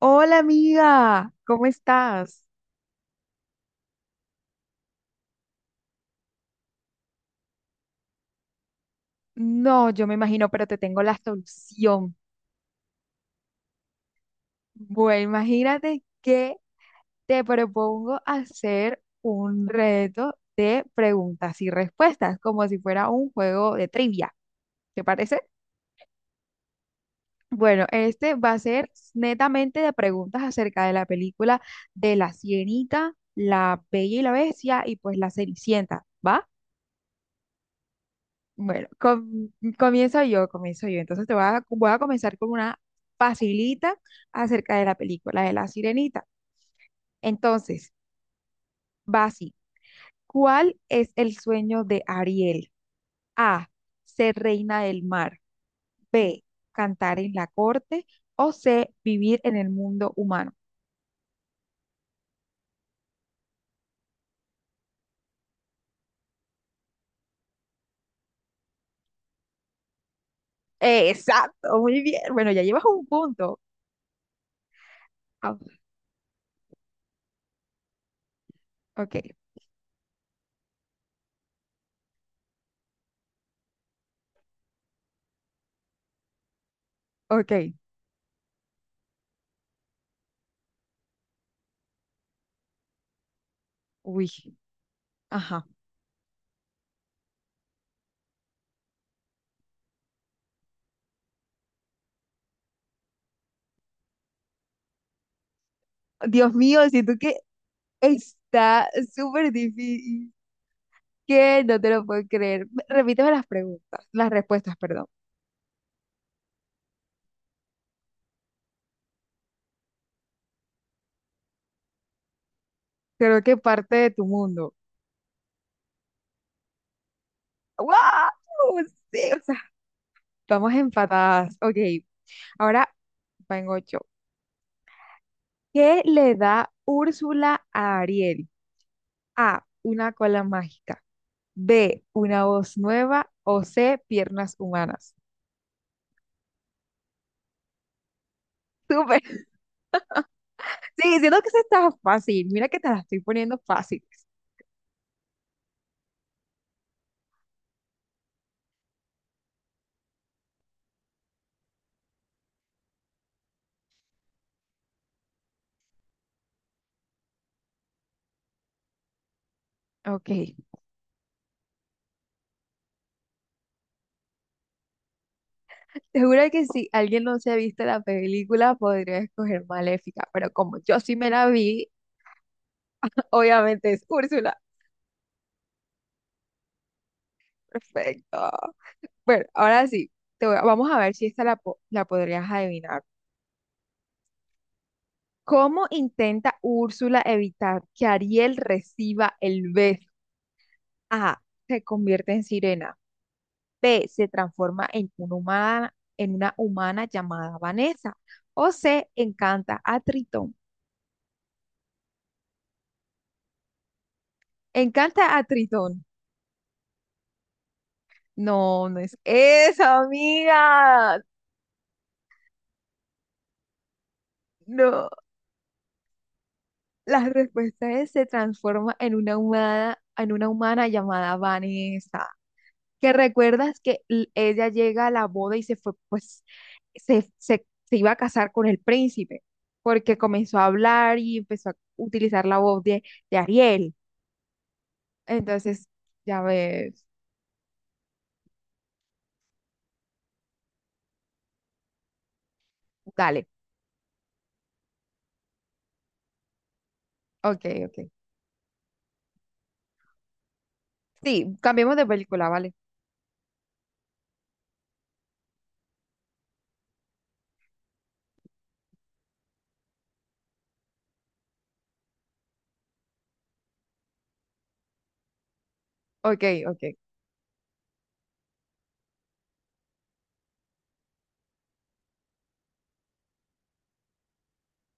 Hola amiga, ¿cómo estás? No, yo me imagino, pero te tengo la solución. Bueno, imagínate que te propongo hacer un reto de preguntas y respuestas, como si fuera un juego de trivia. ¿Te parece? Bueno, este va a ser netamente de preguntas acerca de la película de La Sirenita, La Bella y la Bestia y pues La Cenicienta, ¿va? Bueno, comienzo yo, comienzo yo. Entonces te voy a comenzar con una facilita acerca de la película de La Sirenita. Entonces, Basi, ¿cuál es el sueño de Ariel? A, ser reina del mar. B, cantar en la corte. O C, vivir en el mundo humano. Exacto, muy bien. Bueno, ya llevas un punto. Ah, ok, ok. Uy, ajá. Dios mío, siento que está súper difícil. ¿Qué? No te lo puedo creer. Repíteme las preguntas, las respuestas, perdón. Creo que parte de tu mundo. ¡Wow! Sí, o sea, estamos empatadas. Ok, ahora vengo yo. ¿Qué le da Úrsula a Ariel? A, una cola mágica. B, una voz nueva. O C, piernas humanas. Súper. Sí, siento que eso está fácil. Mira que te la estoy poniendo fácil. Ok. Seguro que si alguien no se ha visto la película, podría escoger Maléfica, pero como yo sí me la vi, obviamente es Úrsula. Perfecto. Bueno, ahora sí, vamos a ver si esta la podrías adivinar. ¿Cómo intenta Úrsula evitar que Ariel reciba el beso? A. Se convierte en sirena. B. Se transforma en una humana llamada Vanessa. O C. Encanta a Tritón. Encanta a Tritón. No, no es esa, amiga. No. La respuesta es se transforma en una humana llamada Vanessa. Que recuerdas que ella llega a la boda y se fue, pues, se iba a casar con el príncipe, porque comenzó a hablar y empezó a utilizar la voz de Ariel. Entonces, ya ves. Dale. Ok, ok. Sí, cambiemos de película, ¿vale? Ok, ok.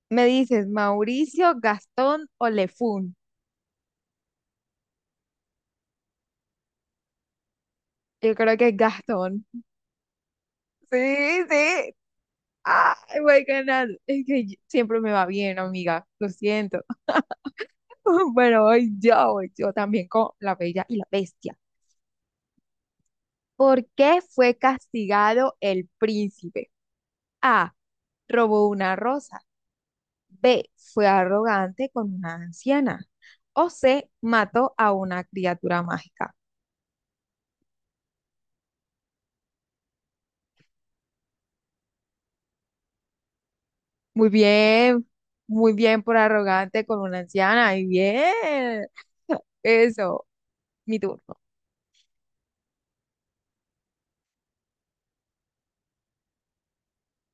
Me dices, Mauricio, Gastón o Lefún. Yo creo que es Gastón. Sí, sí. Ay, voy ganando. Es que siempre me va bien, amiga. Lo siento. Bueno, hoy yo, voy yo también con La Bella y la Bestia. ¿Por qué fue castigado el príncipe? A. Robó una rosa. B. Fue arrogante con una anciana. O C. Mató a una criatura mágica. Muy bien, muy bien, por arrogante con una anciana. Y bien. Eso, mi turno.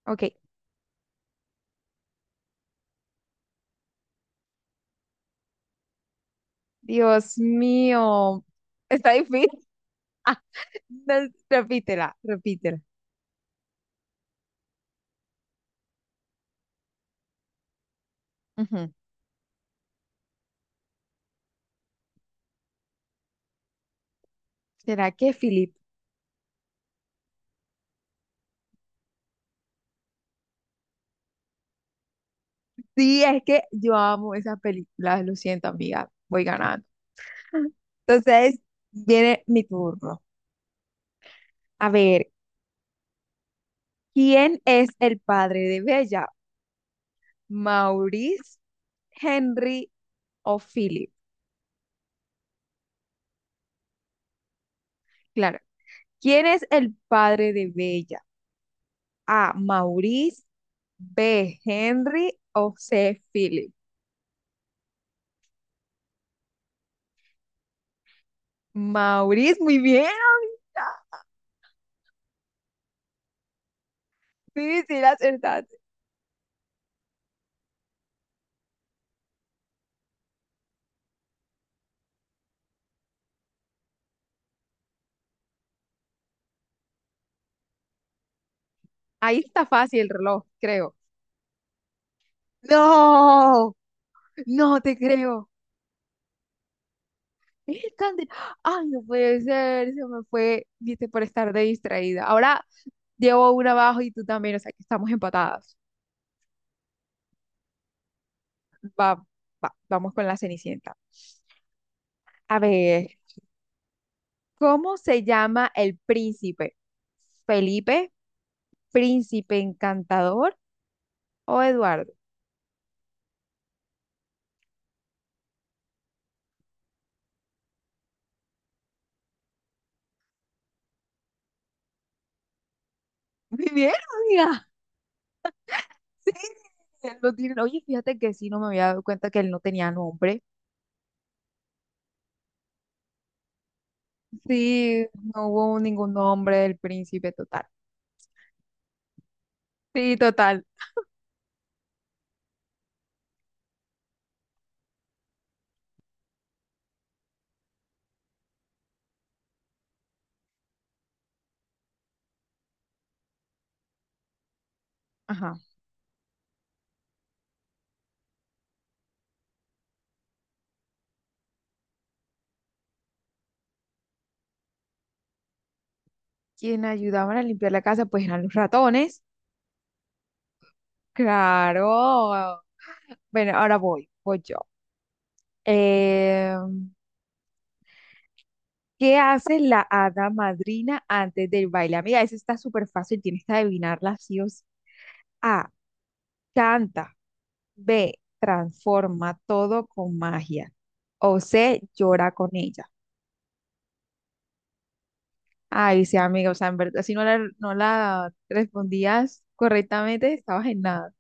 Ok. Dios mío. Está difícil. Ah, no, repítela, repítela. Ujú. ¿Será que Philip? Sí, es que yo amo esas películas. Lo siento, amiga. Voy ganando. Entonces, viene mi turno. A ver, ¿quién es el padre de Bella? ¿Maurice, Henry o Philip? Claro. ¿Quién es el padre de Bella? A. Maurice. B. Henry. O C. Philip. Maurice, muy bien. Sí, sí, la acertaste. Ahí está fácil el reloj, creo. No, no te creo. Es tan de- Ay, no puede ser, se me fue, viste, por estar de distraída. Ahora llevo una abajo y tú también, o sea que estamos empatadas. Va, va, vamos con la Cenicienta. A ver. ¿Cómo se llama el príncipe? ¿Felipe? ¿Príncipe encantador o Eduardo? Muy bien, amiga. Sí, él lo tiene. Oye, fíjate que sí, no me había dado cuenta que él no tenía nombre. Sí, no hubo ningún nombre del príncipe total. Sí, total. Ajá. ¿Quién ayudaban a limpiar la casa? Pues eran los ratones. Claro. Bueno, ahora voy, voy yo. Em, ¿Qué hace la hada madrina antes del baile? Amiga, eso está súper fácil, tienes que adivinarla sí o sí. A. Canta. B. Transforma todo con magia. O C. Llora con ella. Ay, sí, amiga, o sea, en verdad, si no la respondías correctamente, estabas en nada.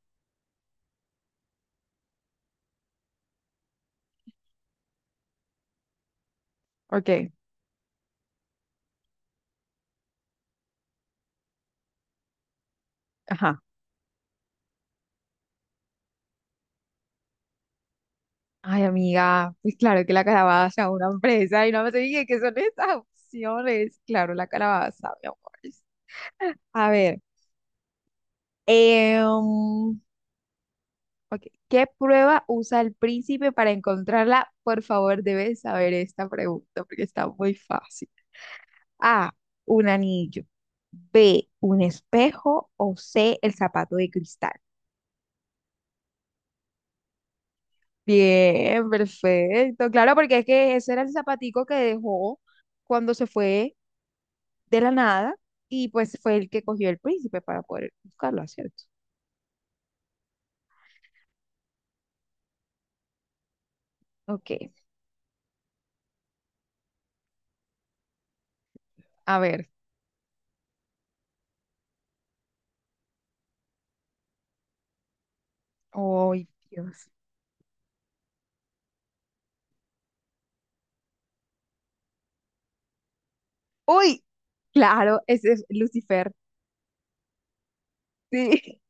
Ok, ajá. Ay, amiga, pues claro que la calabaza, una empresa, y no me dije qué son estas opciones. Claro, la calabaza, mi amor. A ver. Em, ok. ¿Qué prueba usa el príncipe para encontrarla? Por favor, debes saber esta pregunta porque está muy fácil. A, un anillo. B, un espejo. O C, el zapato de cristal. Bien, perfecto. Claro, porque es que ese era el zapatico que dejó cuando se fue de la nada y pues fue el que cogió el príncipe para poder buscarlo, ¿cierto? Ok, a ver. Ay, Dios. Uy, claro, ese es Lucifer. Sí,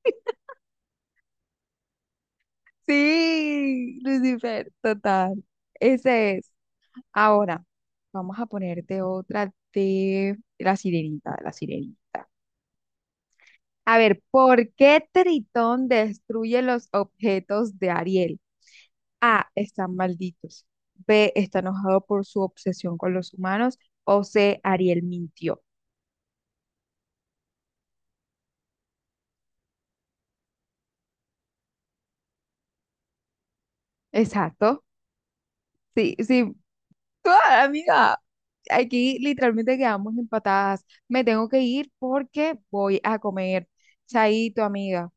sí, Lucifer, total. Ese es. Ahora, vamos a ponerte otra de la sirenita, de la sirenita. A ver, ¿por qué Tritón destruye los objetos de Ariel? A, están malditos. B, está enojado por su obsesión con los humanos. O C, Ariel mintió. Exacto. Sí, sí. Ah, amiga, aquí literalmente quedamos empatadas. Me tengo que ir porque voy a comer. Chaito, amiga.